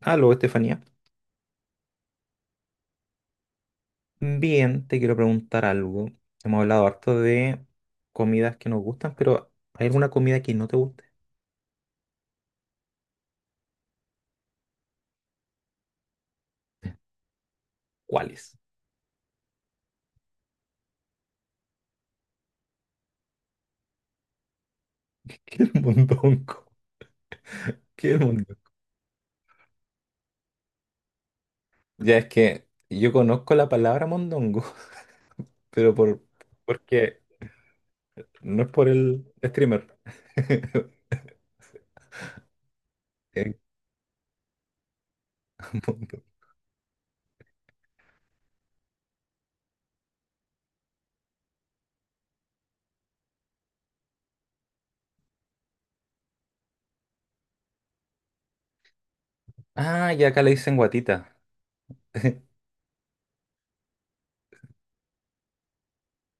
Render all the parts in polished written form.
Aló, Estefanía. Bien, te quiero preguntar algo. Hemos hablado harto de comidas que nos gustan, pero ¿hay alguna comida que no te guste? ¿Cuál es? ¿Qué es el mondongo? ¿Qué es el mondongo? Ya es que yo conozco la palabra mondongo, pero porque no es por el streamer. Es mondongo. Ah, y acá le dicen guatita.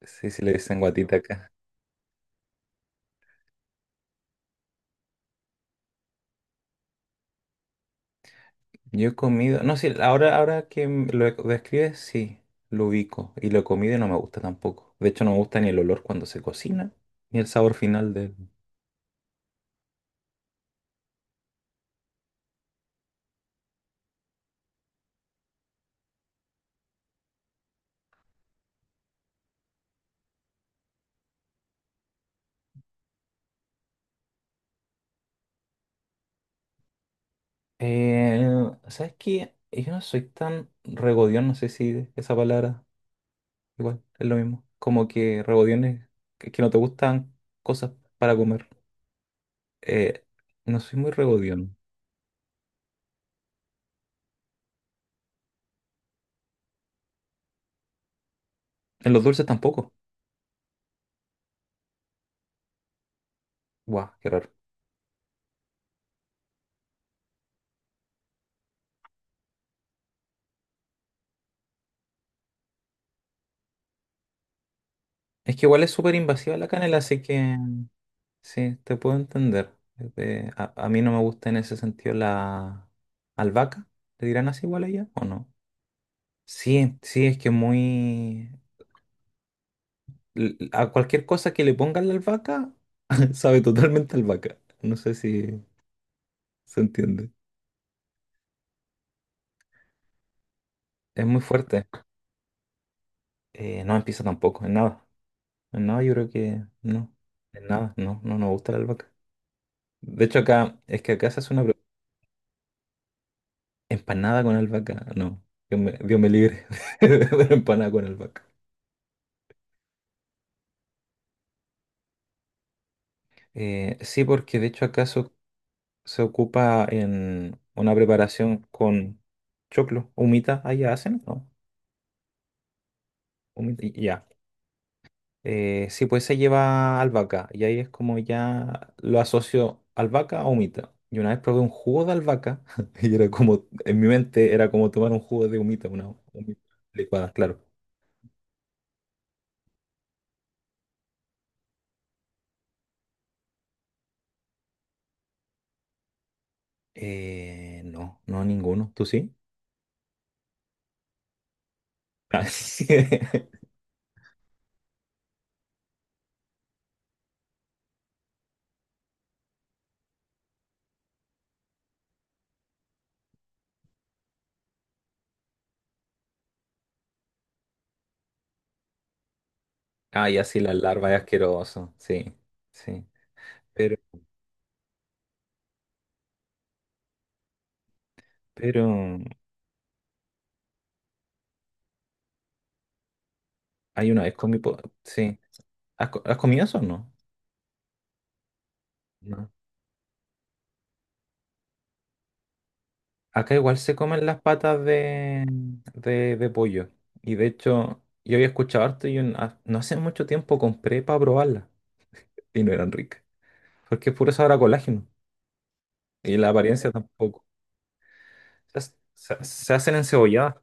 Sí, sí, le dicen guatita acá. Yo he comido, no, sí, ahora que lo describes, sí, lo ubico y lo he comido y no me gusta tampoco. De hecho, no me gusta ni el olor cuando se cocina, ni el sabor final del. Eh, ¿Sabes qué? Yo no soy tan regodión, no sé si esa palabra igual es lo mismo. Como que regodión es que no te gustan cosas para comer. Eh, no soy muy regodión. En los dulces tampoco. Guau, qué raro. Es que igual es súper invasiva la canela, así que. Sí, te puedo entender. A mí no me gusta en ese sentido la albahaca. ¿Le dirán así igual a ella o no? Sí, sí, es que muy. A cualquier cosa que le pongan la albahaca, sabe totalmente a albahaca. No sé si se entiende. Es muy fuerte. No empieza tampoco, en nada. En nada yo creo que no. En nada, no, no nos gusta la albahaca. De hecho acá, es que acá se hace una empanada con albahaca. No, Dios me libre de una empanada con albahaca. Sí, porque de hecho acá se ocupa en una preparación con choclo, humita, allá hacen, ¿no? Humita, ya. Sí, pues se lleva albahaca y ahí es como ya lo asocio albahaca a humita. Y una vez probé un jugo de albahaca y era como, en mi mente era como tomar un jugo de humita, una humita licuada, claro. No, no ninguno, ¿tú sí? Ah, sí. Ah, ya sí, las larvas es asqueroso, sí, sí. Pero, pero hay una vez comí, sí. ¿Has comido eso o no? No. Acá igual se comen las patas de pollo. Y de hecho, yo había escuchado harto y no hace mucho tiempo compré para probarlas. Y no eran ricas. Porque es puro sabor a colágeno. Y la apariencia tampoco. Se hacen encebolladas.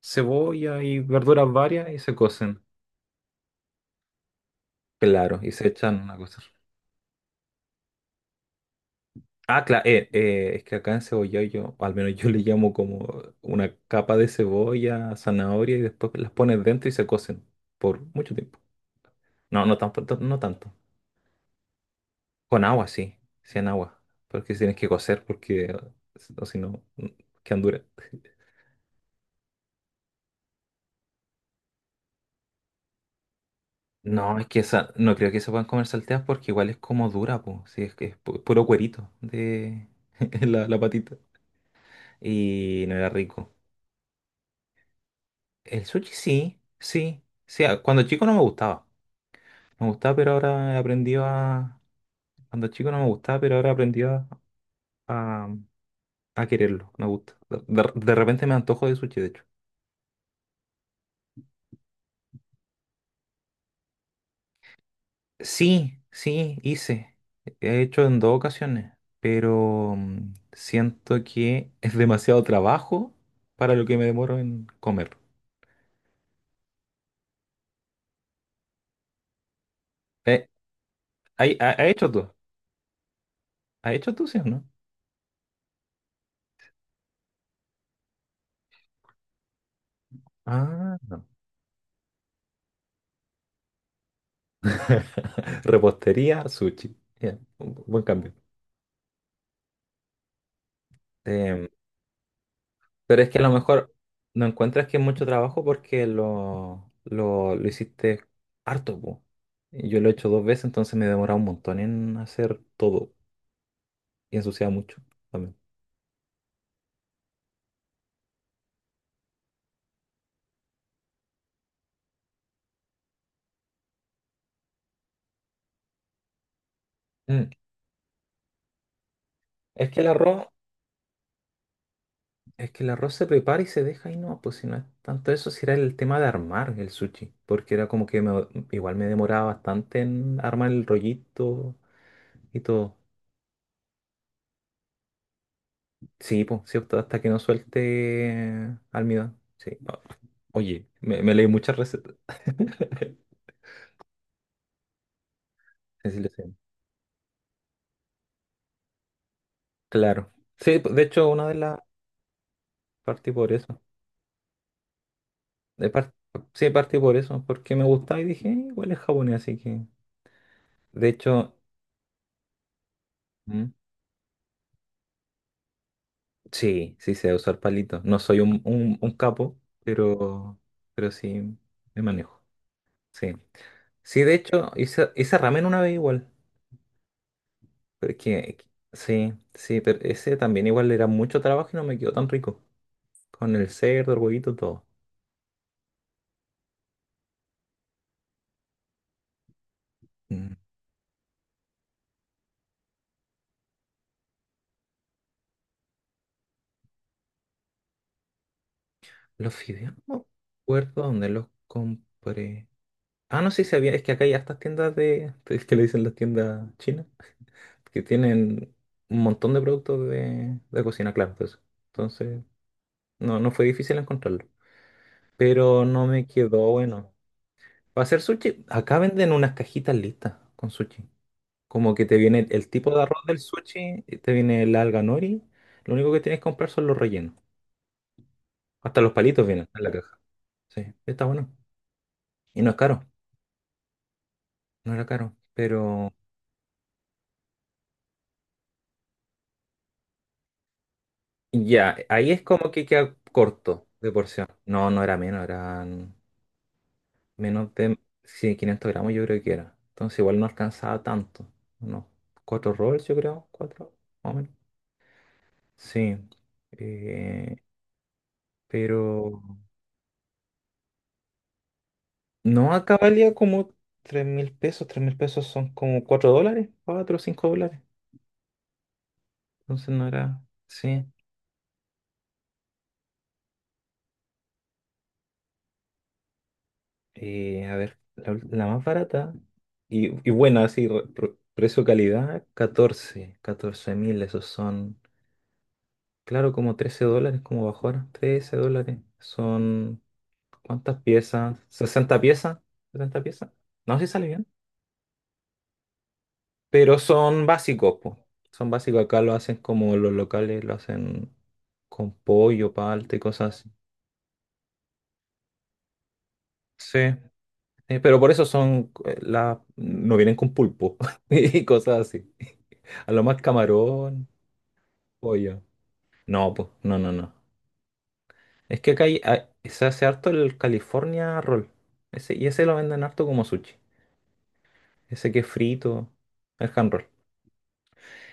Cebolla y verduras varias y se cocen. Claro, y se echan una cosa. Ah, claro, es que acá en cebollado yo, o al menos yo le llamo como una capa de cebolla, zanahoria y después las pones dentro y se cocen por mucho tiempo. No, no tanto, no tanto. Con agua, sí, sí en agua, porque tienes que cocer porque o si no, quedan duras. No, es que esa, no creo que se puedan comer salteadas porque igual es como dura, pues, sí, es que es puro cuerito de la, patita. Y no era rico. El sushi sí, sí, sí, cuando chico no me gustaba. Me gustaba, pero ahora he aprendido a. Cuando chico no me gustaba, pero ahora he aprendido a, a quererlo. Me gusta. De repente me antojo de sushi, de hecho. Sí, sí, hice. He hecho en dos ocasiones, pero siento que es demasiado trabajo para lo que me demoro en comer. Eh, ¿ha hecho tú? Ha hecho tú, sí o no? Ah, no. Repostería, sushi. Ya, un buen cambio. Em, Pero es que a lo mejor no encuentras que es mucho trabajo porque lo hiciste harto, po. Y yo lo he hecho dos veces, entonces me he demorado un montón en hacer todo y ensuciaba mucho también. Mm. Es que el arroz, es que el arroz se prepara y se deja y no, pues si no es tanto eso, si era el tema de armar el sushi, porque era como que igual me demoraba bastante en armar el rollito y todo. Sí, pues, sí, hasta que no suelte almidón. Sí. Oye, me leí muchas recetas. Deshilachado. Claro. Sí, de hecho, una de las partí por eso. De par- Sí, partí por eso, porque me gustaba y dije, Igual es japonés, así que". De hecho. ¿Mm? Sí, sí sé usar palitos. No soy un capo, pero, pero sí me manejo. Sí. Sí, de hecho, hice ramen una vez igual. Porque sí, sí, pero ese también igual era mucho trabajo y no me quedó tan rico. Con el cerdo, el huevito, todo. Los fideos, no recuerdo dónde los compré. Ah, no sé si sabía, es que acá hay estas tiendas de, es que le dicen las tiendas chinas, que tienen un montón de productos de cocina, claro, de eso. Entonces, no fue difícil encontrarlo. Pero no me quedó bueno. Para hacer sushi, acá venden unas cajitas listas con sushi. Como que te viene el tipo de arroz del sushi, y te viene el alga nori. Lo único que tienes que comprar son los rellenos. Hasta los palitos vienen en la caja. Sí, está bueno. Y no es caro. No era caro, pero ya, ahí es como que queda corto de porción. No, no era menos, eran menos de sí, 500 gramos yo creo que era. Entonces igual no alcanzaba tanto. Unos cuatro rolls yo creo, cuatro, más o menos. Sí, eh, pero no acá valía como 3.000 pesos, 3.000 pesos son como 4 dólares, 4 o 5 dólares. Entonces no era, sí. A ver, la más barata y buena, así, precio-calidad, catorce mil, esos son, claro, como 13 dólares, como bajó ahora, 13 dólares, son, ¿cuántas piezas? ¿60 piezas? ¿60 piezas? No sé si sale bien, pero son básicos, po. Son básicos, acá lo hacen como los locales, lo hacen con pollo, palta y cosas así. Sí. Pero por eso son no vienen con pulpo y cosas así. A lo más camarón, pollo. No, pues, no, no, no. Es que acá se hace harto el California Roll. Ese, y ese lo venden harto como sushi. Ese que es frito, el hand roll.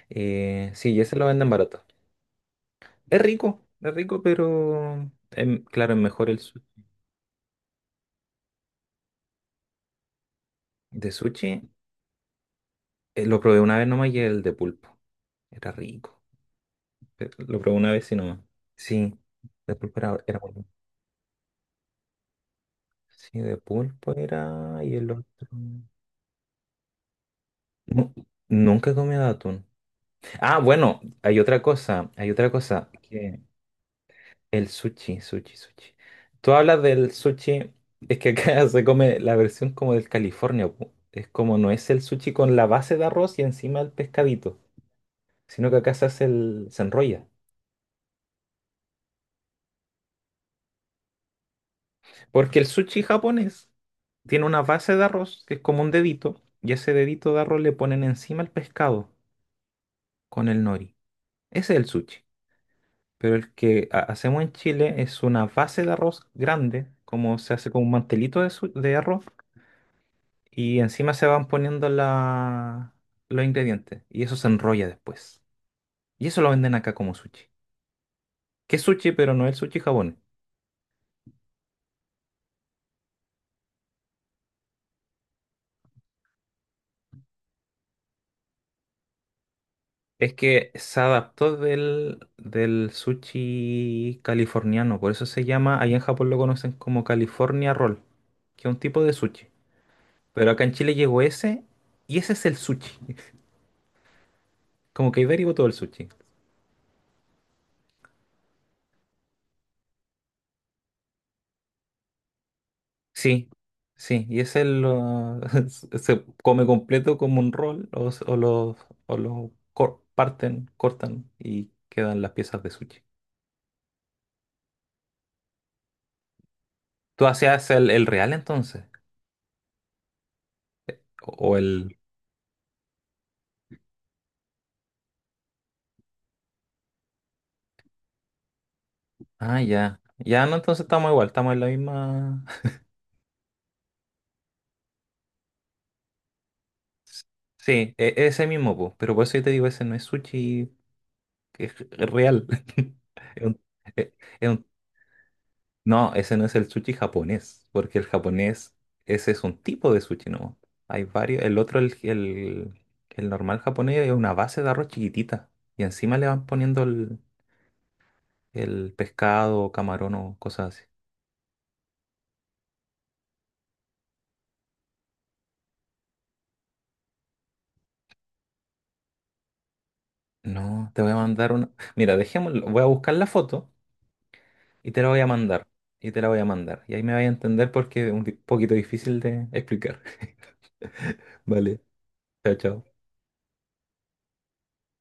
Sí, y ese lo venden barato. Es rico, pero claro, es mejor el de sushi. Lo probé una vez nomás y el de pulpo. Era rico. Lo probé una vez y no más. Sí, de pulpo era bueno. Sí, de pulpo era. Y el otro. Nu- Nunca he comido atún. Ah, bueno, hay otra cosa. Hay otra cosa. Que el sushi, sushi, sushi. Tú hablas del sushi. Es que acá se come la versión como del California, po. Es como no es el sushi con la base de arroz y encima el pescadito. Sino que acá se hace el. Se enrolla. Porque el sushi japonés tiene una base de arroz que es como un dedito, y ese dedito de arroz le ponen encima el pescado con el nori. Ese es el sushi. Pero el que hacemos en Chile es una base de arroz grande, como se hace con un mantelito de, de arroz, y encima se van poniendo los ingredientes, y eso se enrolla después. Y eso lo venden acá como sushi. Que es sushi, pero no es el sushi japonés. Es que se adaptó del sushi californiano, por eso se llama, allá en Japón lo conocen como California Roll, que es un tipo de sushi. Pero acá en Chile llegó ese y ese es el sushi. Como que ahí derivó todo el sushi. Sí, sí, y ese lo, se come completo como un roll o lo, parten, cortan y quedan las piezas de sushi. ¿Tú hacías el real entonces? ¿O o el? Ah, ya. Ya, no, entonces estamos igual, estamos en la misma. Sí, ese mismo, po, pero por eso yo te digo, ese no es sushi, es real. Es un- es- es un- No, ese no es el sushi japonés, porque el japonés, ese es un tipo de sushi, ¿no? Hay varios, el otro, el, normal japonés es una base de arroz chiquitita, y encima le van poniendo el pescado, camarón o cosas así. No, te voy a mandar una. Mira, dejémoslo, voy a buscar la foto. Y te la voy a mandar. Y te la voy a mandar. Y ahí me vais a entender porque es un poquito difícil de explicar. Vale. Chao, chao.